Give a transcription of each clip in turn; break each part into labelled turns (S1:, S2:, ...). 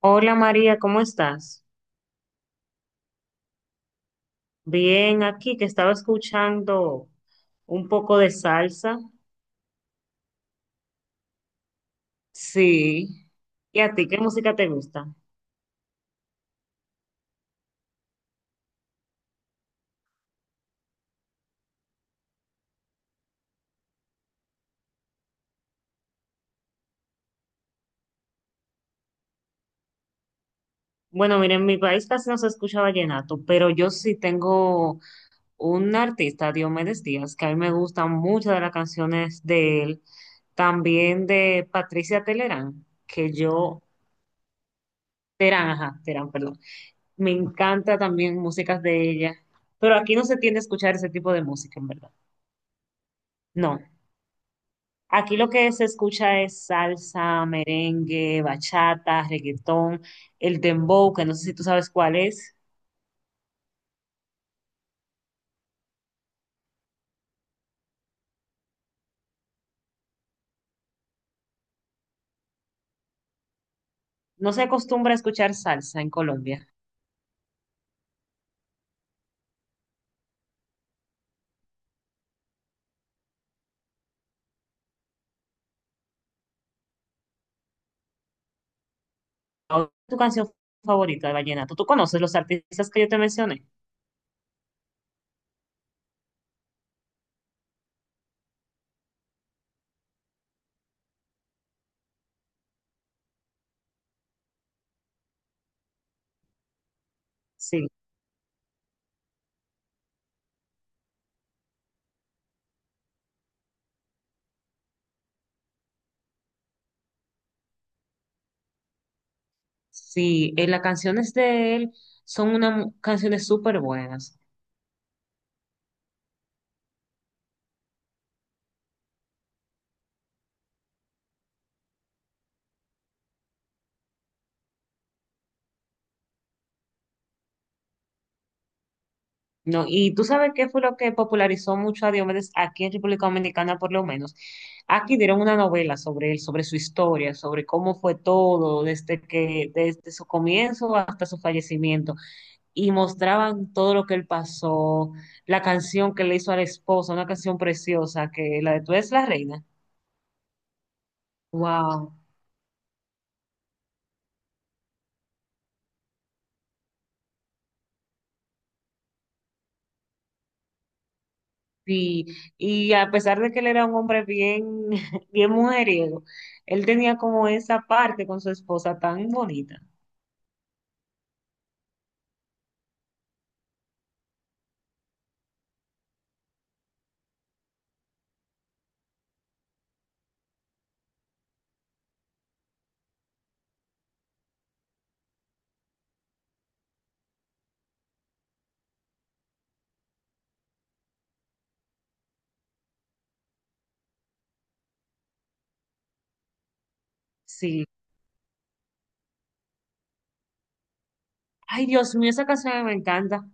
S1: Hola María, ¿cómo estás? Bien, aquí que estaba escuchando un poco de salsa. Sí. ¿Y a ti qué música te gusta? Bueno, mira, en mi país casi no se escucha vallenato, pero yo sí tengo un artista, Diomedes Díaz, que a mí me gustan muchas de las canciones de él, también de Patricia Telerán, que yo, Terán, ajá, Terán, perdón. Me encanta también músicas de ella, pero aquí no se tiende a escuchar ese tipo de música, en verdad. No. Aquí lo que se escucha es salsa, merengue, bachata, reggaetón, el dembow, que no sé si tú sabes cuál es. No se acostumbra a escuchar salsa en Colombia. ¿Cuál es tu canción favorita de vallenato? ¿Tú conoces los artistas que yo te mencioné? Sí, sí, las canciones de él son unas canciones súper buenas. No, y tú sabes qué fue lo que popularizó mucho a Diomedes aquí en República Dominicana, por lo menos. Aquí dieron una novela sobre él, sobre su historia, sobre cómo fue todo, desde su comienzo hasta su fallecimiento, y mostraban todo lo que él pasó, la canción que le hizo a la esposa, una canción preciosa, que la de Tú eres la reina. Wow. Sí, y a pesar de que él era un hombre bien, bien mujeriego, él tenía como esa parte con su esposa tan bonita. Sí. Ay, Dios mío, esa canción me encanta.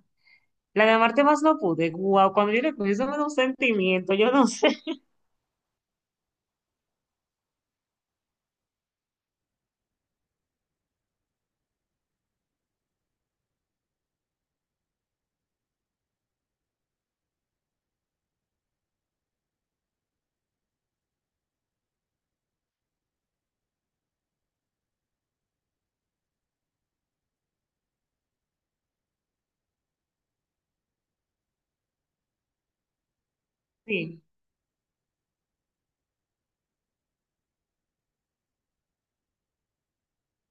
S1: La de Amarte Más No Pude. Guau, cuando yo le escuché, eso me da un sentimiento. Yo no sé sí,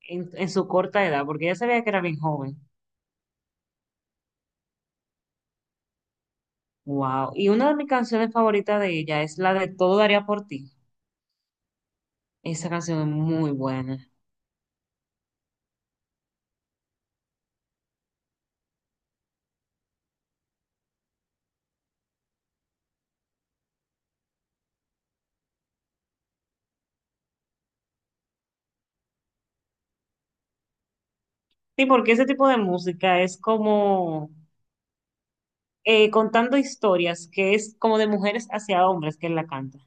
S1: en su corta edad, porque ella sabía que era bien joven. Wow. Y una de mis canciones favoritas de ella es la de Todo daría por ti. Esa canción es muy buena. Sí, porque ese tipo de música es como contando historias, que es como de mujeres hacia hombres que él la canta.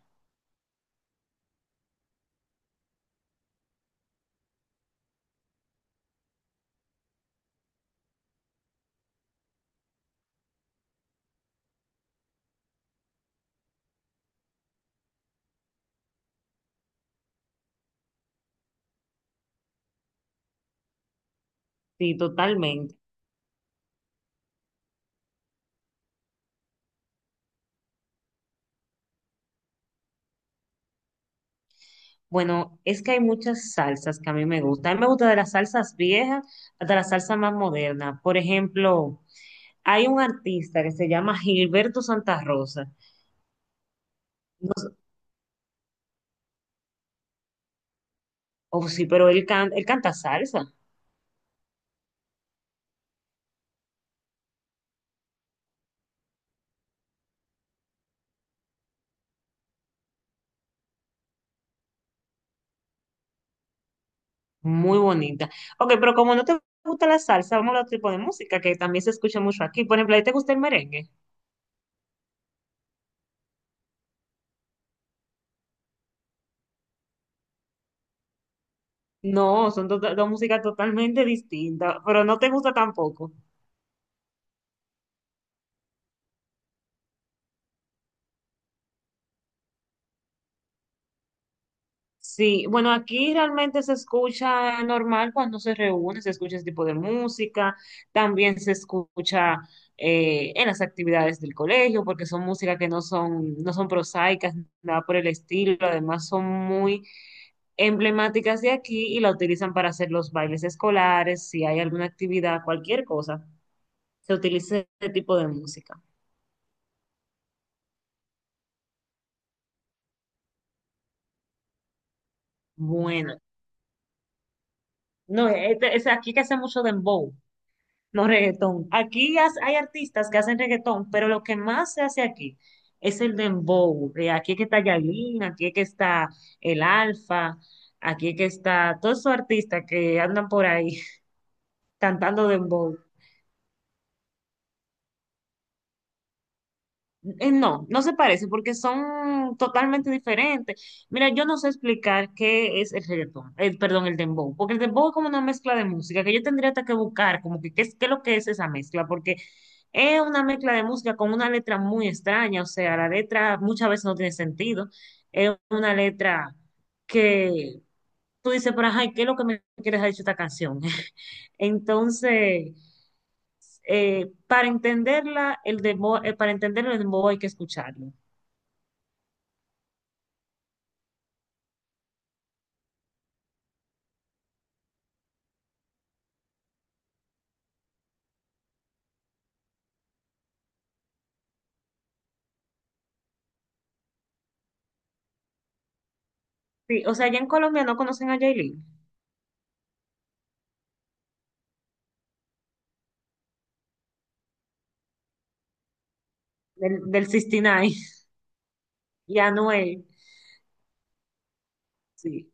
S1: Sí, totalmente. Bueno, es que hay muchas salsas que a mí me gustan. A mí me gusta de las salsas viejas hasta las salsas más modernas. Por ejemplo, hay un artista que se llama Gilberto Santa Rosa. No sé- oh, sí, pero él, él canta salsa. Muy bonita. Ok, pero como no te gusta la salsa, vamos a otro tipo de música que también se escucha mucho aquí. Por ejemplo, ¿a ti te gusta el merengue? No, son dos músicas totalmente distintas, pero no te gusta tampoco. Sí, bueno, aquí realmente se escucha normal cuando se reúne, se escucha ese tipo de música, también se escucha en las actividades del colegio, porque son música que no son prosaicas, nada por el estilo, además son muy emblemáticas de aquí y la utilizan para hacer los bailes escolares, si hay alguna actividad, cualquier cosa, se utiliza este tipo de música. Bueno, no, es aquí que hace mucho dembow. No reggaetón. Aquí hay artistas que hacen reggaetón, pero lo que más se hace aquí es el dembow. Aquí es que está Yailin, aquí es que está el Alfa, aquí es que está todos esos artistas que andan por ahí cantando dembow. No, no se parece porque son totalmente diferentes. Mira, yo no sé explicar qué es el reggaetón, perdón, el dembow, porque el dembow es como una mezcla de música que yo tendría hasta que buscar, como que qué es lo que es esa mezcla, porque es una mezcla de música con una letra muy extraña, o sea, la letra muchas veces no tiene sentido, es una letra que tú dices, pero ay, ¿qué es lo que me quieres decir esta canción? Entonces para entenderla, el demo, para entenderlo, el dembow hay que escucharlo. Sí, o sea, allá en Colombia no conocen a Yailin, del 69 y nueve, y a Anuel. Sí.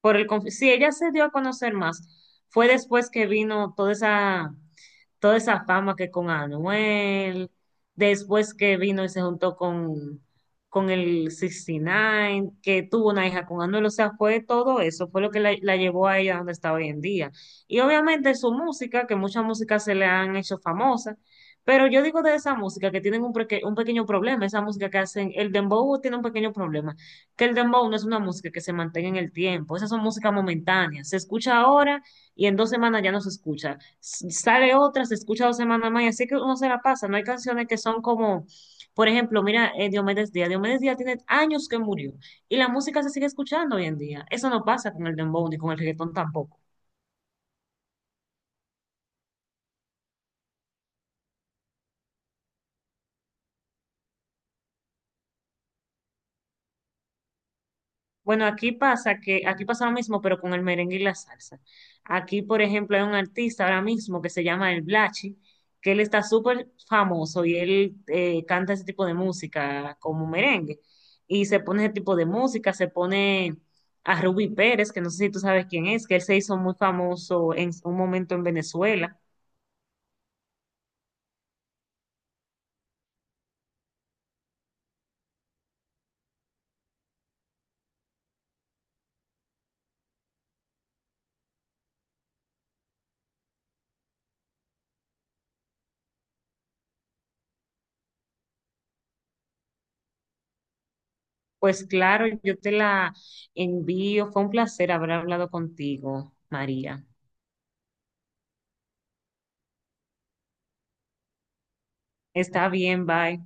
S1: Sí, ella se dio a conocer más. Fue después que vino toda esa fama que con Anuel, después que vino y se juntó con el 69, que tuvo una hija con Anuel, o sea, fue todo eso, fue lo que la llevó a ella donde está hoy en día. Y obviamente su música, que muchas músicas se le han hecho famosas, pero yo digo de esa música que tienen un, un pequeño problema, esa música que hacen, el dembow tiene un pequeño problema que el dembow no es una música que se mantenga en el tiempo, esas son músicas momentáneas, se escucha ahora y en 2 semanas ya no se escucha, sale otra, se escucha 2 semanas más y así que uno se la pasa, no hay canciones que son como, por ejemplo, mira Diomedes Díaz, Diomedes Díaz tiene años que murió y la música se sigue escuchando hoy en día, eso no pasa con el dembow ni con el reggaetón tampoco. Bueno, aquí pasa que, aquí pasa lo mismo, pero con el merengue y la salsa. Aquí, por ejemplo, hay un artista ahora mismo que se llama El Blachi, que él está súper famoso y él canta ese tipo de música como merengue. Y se pone ese tipo de música, se pone a Ruby Pérez, que no sé si tú sabes quién es, que él se hizo muy famoso en un momento en Venezuela. Pues claro, yo te la envío. Fue un placer haber hablado contigo, María. Está bien, bye.